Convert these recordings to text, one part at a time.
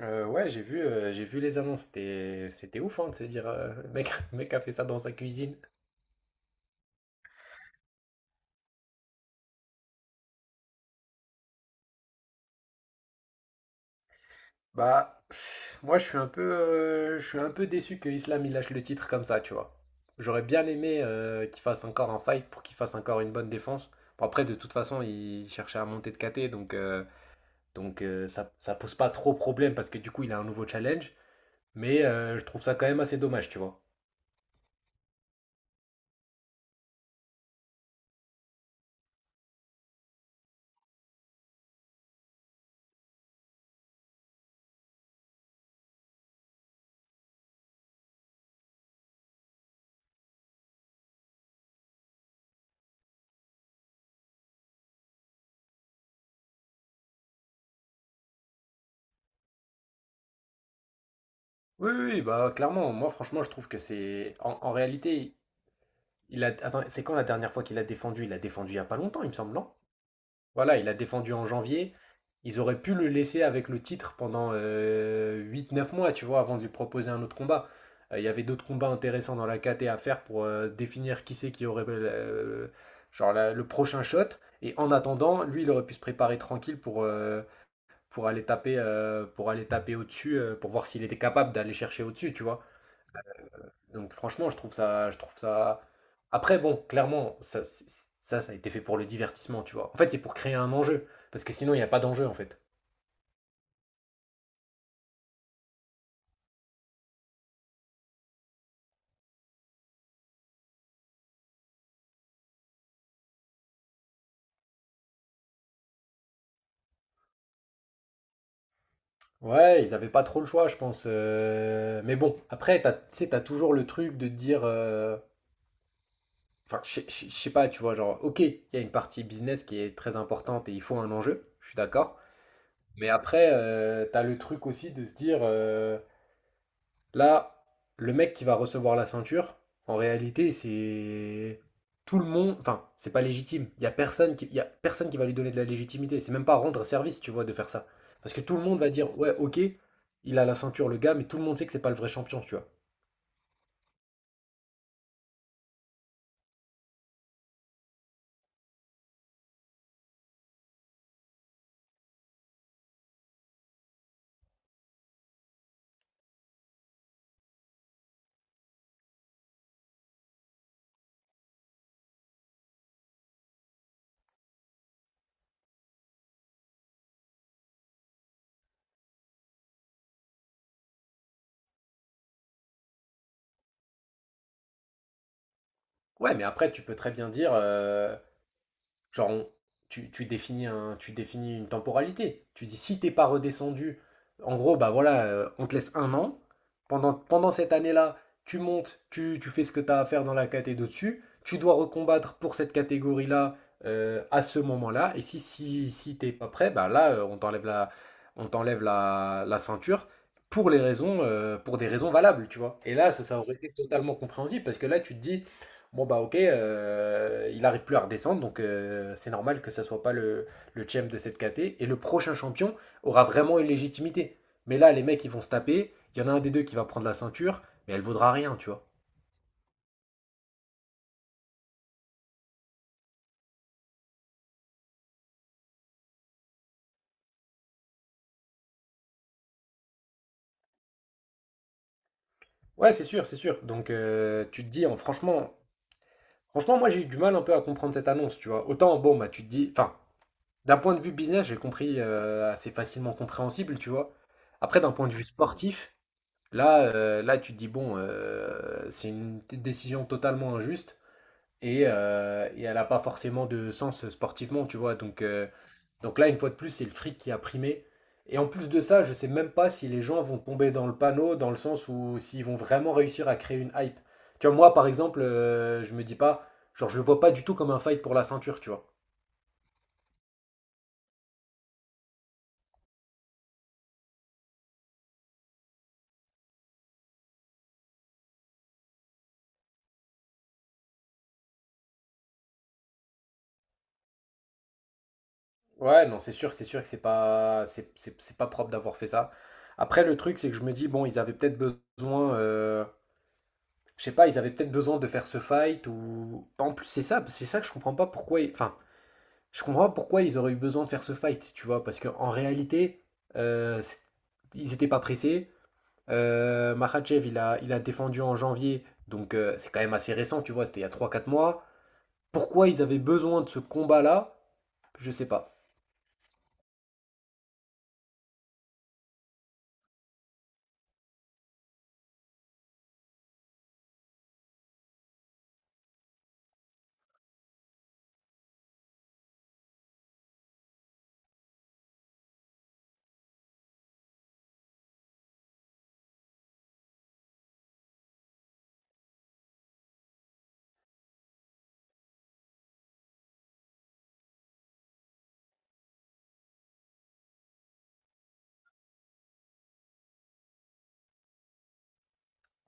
Ouais, j'ai vu les annonces. C'était ouf, hein, de se dire, le mec a fait ça dans sa cuisine. Bah, pff, moi, je suis un peu déçu que Islam il lâche le titre comme ça, tu vois. J'aurais bien aimé qu'il fasse encore un fight pour qu'il fasse encore une bonne défense. Bon, après, de toute façon, il cherchait à monter de KT, ça pose pas trop problème parce que du coup, il a un nouveau challenge. Mais je trouve ça quand même assez dommage, tu vois. Oui, oui, oui, bah clairement, moi franchement je trouve que c'est, en réalité, attends, c'est quand la dernière fois qu'il a défendu? Il a défendu il n'y a pas longtemps, il me semble, non? Voilà, il a défendu en janvier. Ils auraient pu le laisser avec le titre pendant 8, 9 mois, tu vois, avant de lui proposer un autre combat. Il y avait d'autres combats intéressants dans la KT à faire pour définir qui c'est qui aurait genre le prochain shot. Et en attendant, lui, il aurait pu se préparer tranquille pour aller taper au-dessus, pour voir s'il était capable d'aller chercher au-dessus, tu vois. Donc franchement, je trouve ça. Après, bon, clairement, ça a été fait pour le divertissement, tu vois. En fait, c'est pour créer un enjeu, parce que sinon, il n'y a pas d'enjeu, en fait. Ouais, ils avaient pas trop le choix, je pense. Mais bon, après, tu sais, t'as toujours le truc de te dire, enfin, je sais pas, tu vois, genre, ok, il y a une partie business qui est très importante et il faut un enjeu, je suis d'accord. Mais après, t'as le truc aussi de se dire, là, le mec qui va recevoir la ceinture, en réalité, c'est tout le monde. Enfin, c'est pas légitime. Il y a personne qui va lui donner de la légitimité. C'est même pas rendre service, tu vois, de faire ça. Parce que tout le monde va dire, ouais, ok, il a la ceinture, le gars, mais tout le monde sait que c'est pas le vrai champion, tu vois. Ouais, mais après, tu peux très bien dire, genre, tu définis tu définis une temporalité. Tu dis si t'es pas redescendu, en gros, bah voilà, on te laisse un an. Pendant cette année-là, tu montes, tu fais ce que tu as à faire dans la catégorie d'au-dessus. Tu dois recombattre pour cette catégorie-là à ce moment-là. Et si t'es pas prêt, bah là, on t'enlève la ceinture pour des raisons valables, tu vois. Et là, ça aurait été totalement compréhensible parce que là, tu te dis, Bon bah ok, il arrive plus à redescendre, donc c'est normal que ça soit pas le champ de cette KT. Et le prochain champion aura vraiment une légitimité. Mais là, les mecs, ils vont se taper. Il y en a un des deux qui va prendre la ceinture, mais elle vaudra rien, tu vois. Ouais, c'est sûr, c'est sûr. Donc tu te dis, hein, franchement, franchement, moi j'ai eu du mal un peu à comprendre cette annonce, tu vois. Autant, bon, bah tu te dis, enfin, d'un point de vue business, j'ai compris, assez facilement compréhensible, tu vois. Après, d'un point de vue sportif, là, tu te dis, bon, c'est une décision totalement injuste et elle n'a pas forcément de sens sportivement, tu vois. Donc là, une fois de plus, c'est le fric qui a primé. Et en plus de ça, je sais même pas si les gens vont tomber dans le panneau, dans le sens où s'ils vont vraiment réussir à créer une hype. Tu vois, moi, par exemple, je me dis pas, genre, je le vois pas du tout comme un fight pour la ceinture, tu vois. Ouais, non, c'est sûr que c'est pas propre d'avoir fait ça. Après, le truc, c'est que je me dis, bon, ils avaient peut-être besoin, je sais pas, ils avaient peut-être besoin de faire ce fight ou. En plus, c'est ça que je comprends pas pourquoi. Enfin, je comprends pas pourquoi ils auraient eu besoin de faire ce fight, tu vois, parce qu'en réalité, euh, c'est- ils étaient pas pressés. Makhachev, il a défendu en janvier, donc c'est quand même assez récent, tu vois, c'était il y a 3 4 mois. Pourquoi ils avaient besoin de ce combat-là, je sais pas.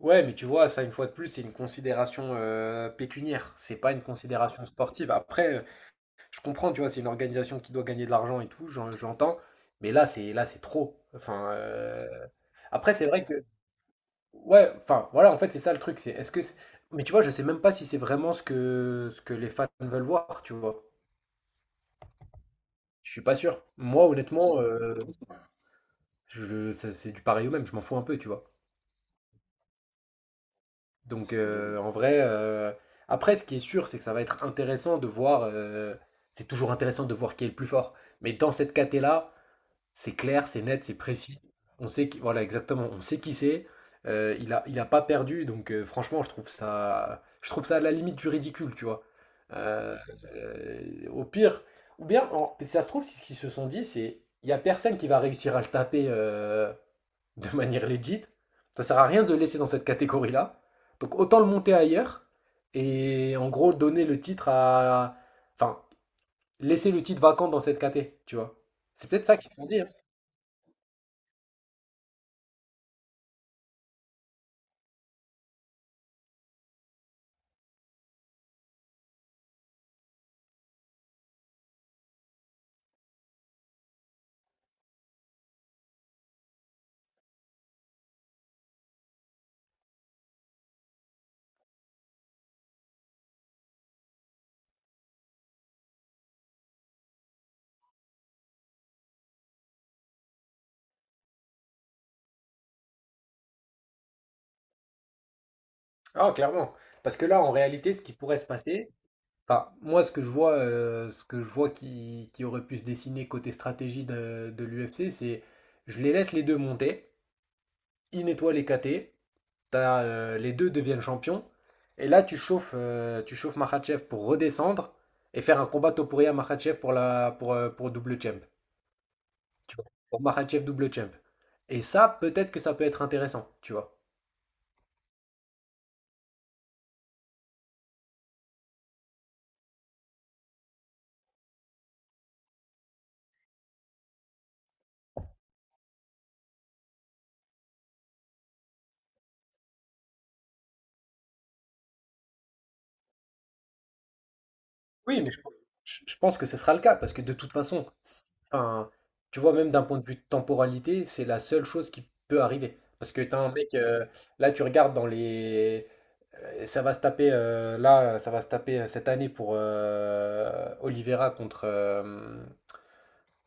Ouais, mais tu vois, ça, une fois de plus, c'est une considération pécuniaire. C'est pas une considération sportive. Après, je comprends, tu vois, c'est une organisation qui doit gagner de l'argent et tout, j'entends. Mais là, c'est trop. Enfin, après, c'est vrai que, ouais, enfin, voilà, en fait, c'est ça le truc. C'est, est-ce que, c'est- Mais tu vois, je sais même pas si c'est vraiment ce que les fans veulent voir, tu vois. Je suis pas sûr. Moi, honnêtement, c'est du pareil au même. Je m'en fous un peu, tu vois. Donc en vrai, après ce qui est sûr, c'est que ça va être intéressant de voir, c'est toujours intéressant de voir qui est le plus fort. Mais dans cette caté-là, c'est clair, c'est net, c'est précis. On sait qui, voilà, exactement, on sait qui c'est. Il a pas perdu, donc franchement, je trouve ça à la limite du ridicule, tu vois. Euh, Au pire, ou bien, ça se trouve, si ce qu'ils se sont dit, c'est, il y a personne qui va réussir à le taper de manière legit. Ça sert à rien de le laisser dans cette catégorie-là. Donc autant le monter ailleurs et en gros donner le titre à, enfin, laisser le titre vacant dans cette caté, tu vois. C'est peut-être ça qu'ils se sont dit, hein. Ah, clairement. Parce que là, en réalité, ce qui pourrait se passer, enfin, moi, ce que je vois qui aurait pu se dessiner côté stratégie de l'UFC, c'est je les laisse les deux monter, ils nettoient les KT, les deux deviennent champions, et là, tu chauffes Makhachev pour redescendre et faire un combat Topuria-Makhachev pour double champ. Tu vois, pour Makhachev double champ. Et ça, peut-être que ça peut être intéressant, tu vois. Oui, mais je pense que ce sera le cas, parce que de toute façon, enfin, tu vois, même d'un point de vue de temporalité, c'est la seule chose qui peut arriver. Parce que t'as un mec, là tu regardes dans les. Ça va se taper, ça va se taper cette année pour Oliveira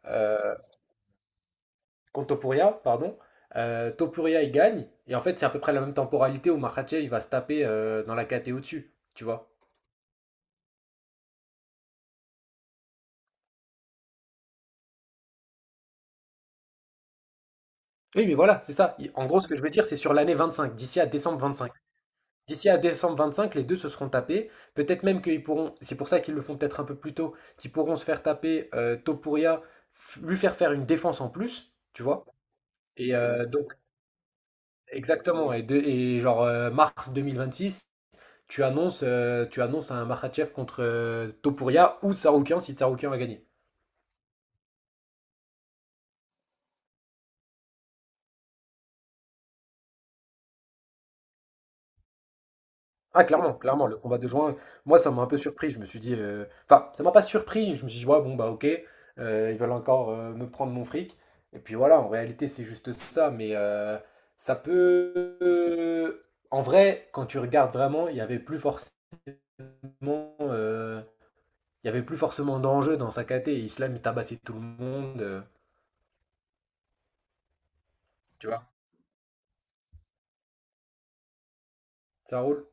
euh, contre Topuria, pardon. Topuria, il gagne, et en fait, c'est à peu près la même temporalité où Makhachev, il va se taper dans la KT au-dessus, tu vois. Oui, mais voilà, c'est ça. En gros, ce que je veux dire, c'est sur l'année 25, d'ici à décembre 25. D'ici à décembre 25 les deux se seront tapés. Peut-être même qu'ils pourront, c'est pour ça qu'ils le font peut-être un peu plus tôt, qu'ils pourront se faire taper Topuria, lui faire faire une défense en plus, tu vois. Et donc, exactement. Et genre mars six tu annonces un Makhachev contre Topuria ou Tsaroukian si Tsaroukian va gagner. Ah, clairement, clairement, le combat de juin, moi, ça m'a un peu surpris. Je me suis dit, enfin, ça m'a pas surpris. Je me suis dit, ouais, bon, bah, ok, ils veulent encore me prendre mon fric. Et puis voilà, en réalité, c'est juste ça. Mais ça peut. En vrai, quand tu regardes vraiment, euh, il y avait plus forcément d'enjeu dans sa KT. Islam, il tabassait tout le monde. Tu vois, ça roule.